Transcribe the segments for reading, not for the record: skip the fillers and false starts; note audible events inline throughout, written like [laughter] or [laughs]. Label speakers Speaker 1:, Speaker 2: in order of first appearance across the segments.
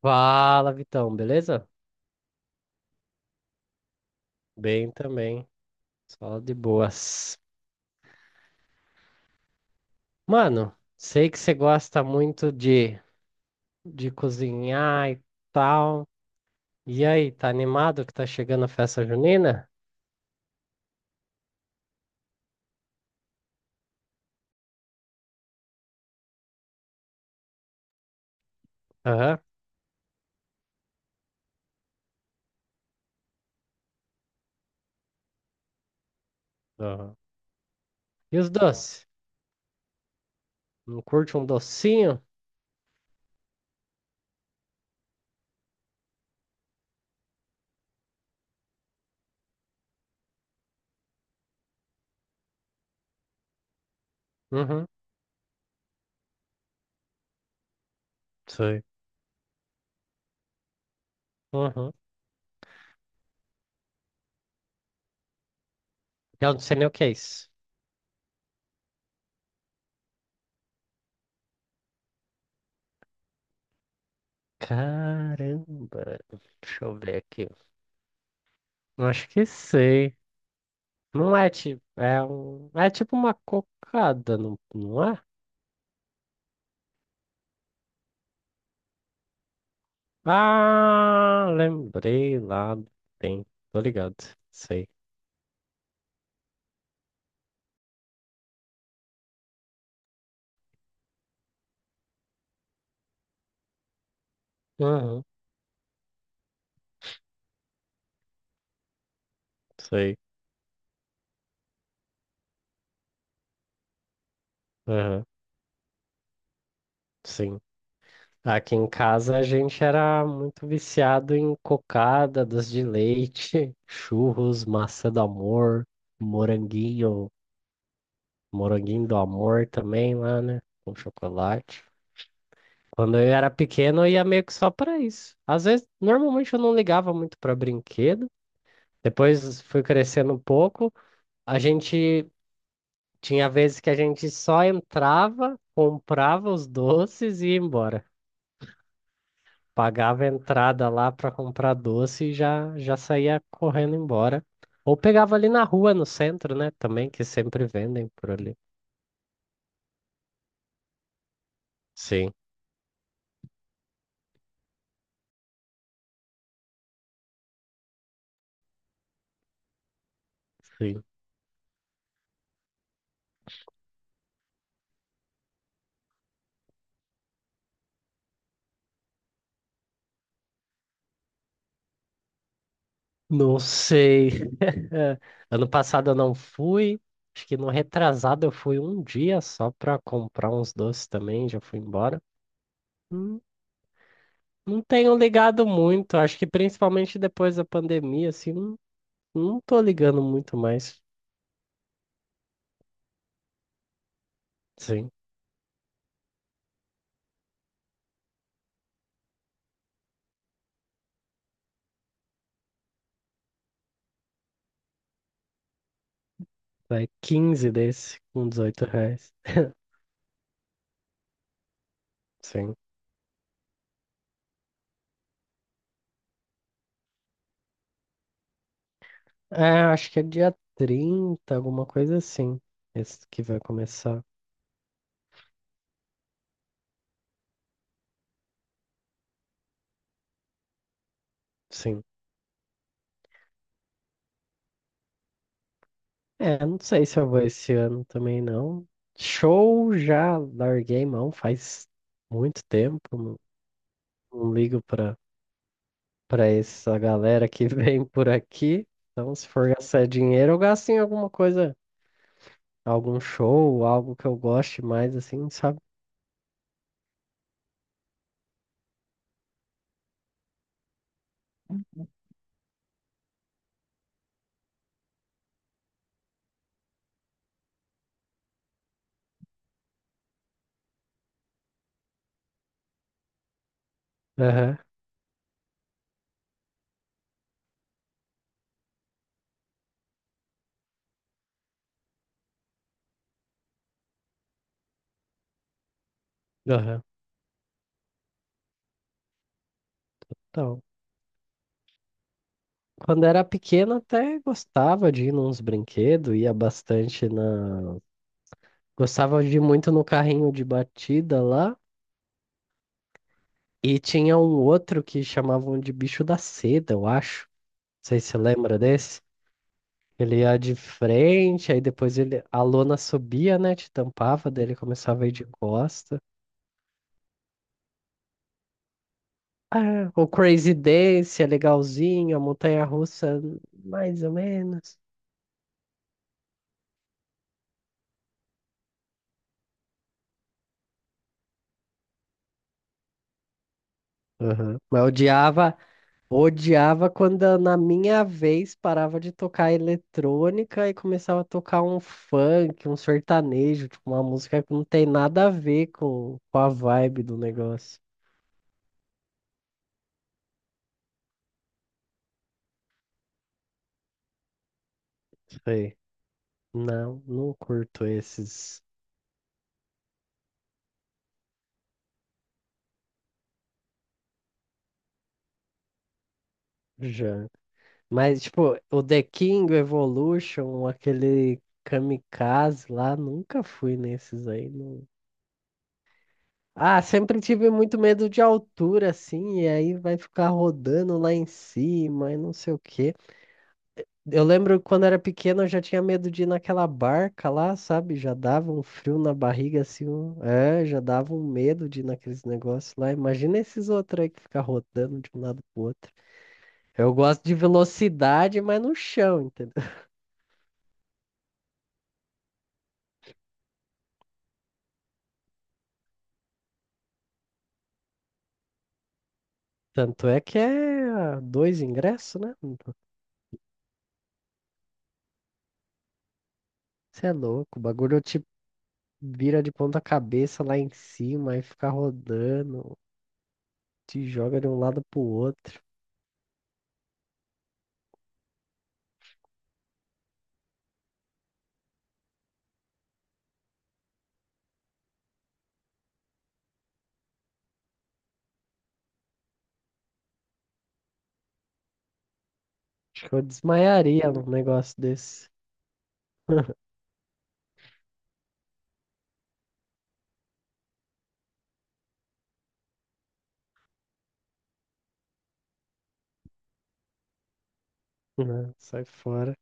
Speaker 1: Fala, Vitão, beleza? Bem também, só de boas. Mano, sei que você gosta muito de cozinhar e tal. E aí, tá animado que tá chegando a festa junina? Aham. Aham. E os doces? Não curte um docinho? Uhum. Sei. Uhum. Eu não sei nem o que é isso. Caramba, deixa eu ver aqui. Eu Acho que sei. Não é tipo, é um, é tipo uma cocada, não, não é? Ah, lembrei lá do tempo. Tô ligado. Sei. Uhum. Sei. Uhum. Sim. Aqui em casa a gente era muito viciado em cocada, doce de leite, [laughs] churros, maçã do amor, moranguinho, moranguinho do amor também lá, né? Com chocolate. Quando eu era pequeno, eu ia meio que só pra isso. Às vezes, normalmente eu não ligava muito pra brinquedo. Depois fui crescendo um pouco. A gente Tinha vezes que a gente só entrava, comprava os doces e ia embora. Pagava a entrada lá para comprar doce e já, já saía correndo embora. Ou pegava ali na rua, no centro, né? Também, que sempre vendem por ali. Sim, sim. Não sei. [laughs] É, ano passado eu não fui. Acho que no retrasado eu fui um dia só para comprar uns doces também, já fui embora. Hum, Não tenho ligado muito, acho que principalmente depois da pandemia, assim, não tô ligando muito mais. Sim. Vai 15 desse com R$ 18. Sim. É, acho que é dia 30 alguma coisa assim. Esse que vai começar. Sim. É, não sei se eu vou esse ano também não. Show já larguei mão faz muito tempo. Não, não ligo pra essa galera que [laughs] vem por aqui. Então, se for gastar dinheiro, eu gasto em alguma coisa, algum show, algo que eu goste mais, assim, sabe? Aham, aham. Então, quando era pequeno até gostava de ir nos brinquedos, ia bastante na... Gostava de ir muito no carrinho de batida lá, e tinha um outro que chamavam de bicho da seda, eu acho. Não sei se você lembra desse. Ele ia de frente, aí depois ele... a lona subia, né, te tampava, daí ele começava a ir de costa. Ah, o Crazy Dance é legalzinho, a montanha-russa mais ou menos. Aham. Mas eu odiava Odiava quando na minha vez parava de tocar eletrônica e começava a tocar um funk, um sertanejo, tipo uma música que não tem nada a ver com a vibe do negócio. Sei. Não, não curto esses já. Mas, tipo, o The King, o Evolution, aquele Kamikaze lá, nunca fui nesses aí. Ah, sempre tive muito medo de altura, assim, e aí vai ficar rodando lá em cima e não sei o quê. Eu lembro que quando era pequeno eu já tinha medo de ir naquela barca lá, sabe? Já dava um frio na barriga assim, é, já dava um medo de ir naqueles negócios lá. Imagina esses outros aí que fica rodando de um lado pro outro. Eu gosto de velocidade, mas no chão, entendeu? [laughs] Tanto é que é dois ingressos, né? Você é louco, o bagulho te vira de ponta cabeça lá em cima e fica rodando, te joga de um lado pro outro. Acho que eu desmaiaria num negócio desse. [laughs] Não, sai fora.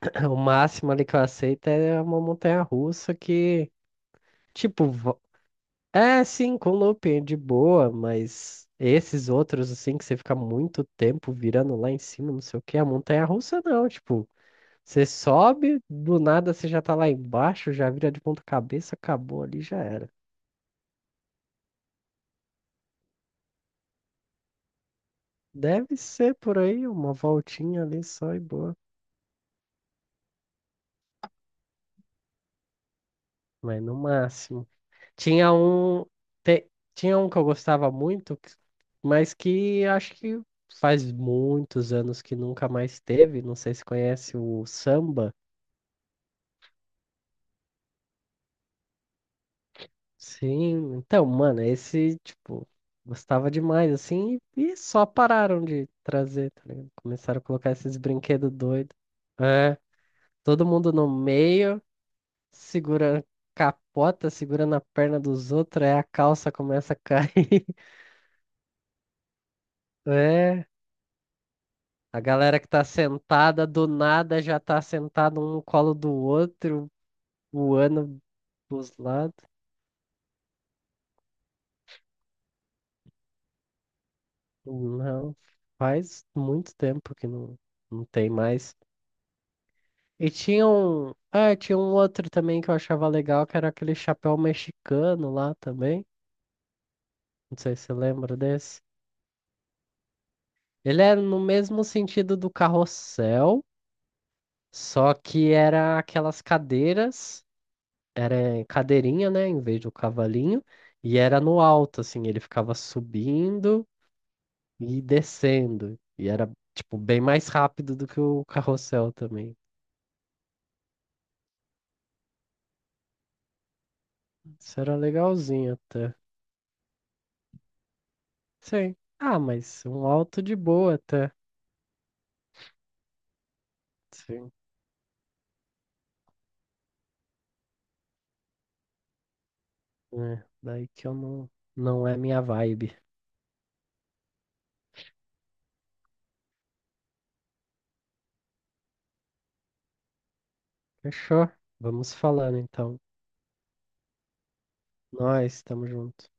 Speaker 1: [laughs] O máximo ali que eu aceito é uma montanha-russa que, tipo, é sim, com looping de boa, mas esses outros, assim, que você fica muito tempo virando lá em cima, não sei o que, a montanha-russa não, tipo, você sobe, do nada você já tá lá embaixo, já vira de ponta cabeça, acabou ali, já era. Deve ser por aí, uma voltinha ali só e boa, mas no máximo. Tinha um, te- tinha um que eu gostava muito, mas que acho que faz muitos anos que nunca mais teve. Não sei se conhece o samba. Sim, então, mano, esse, tipo, gostava demais, assim, e só pararam de trazer, tá ligado? Começaram a colocar esses brinquedos doidos. É, todo mundo no meio, segurando capota, segurando a perna dos outros, aí a calça começa a cair. [laughs] É. A galera que tá sentada do nada já tá sentada um no colo do outro, voando dos lados. Não, faz muito tempo que não, não tem mais. E tinha um. Ah, tinha um outro também que eu achava legal, que era aquele chapéu mexicano lá também. Não sei se você lembra desse. Ele era no mesmo sentido do carrossel, só que era aquelas cadeiras era em cadeirinha, né, em vez do cavalinho, e era no alto, assim, ele ficava subindo e descendo, e era, tipo, bem mais rápido do que o carrossel também. Isso era legalzinho até. Sim. Ah, mas um alto de boa até. Sim. É, daí que eu não é minha vibe. Fechou? Vamos falando então. Nós estamos juntos.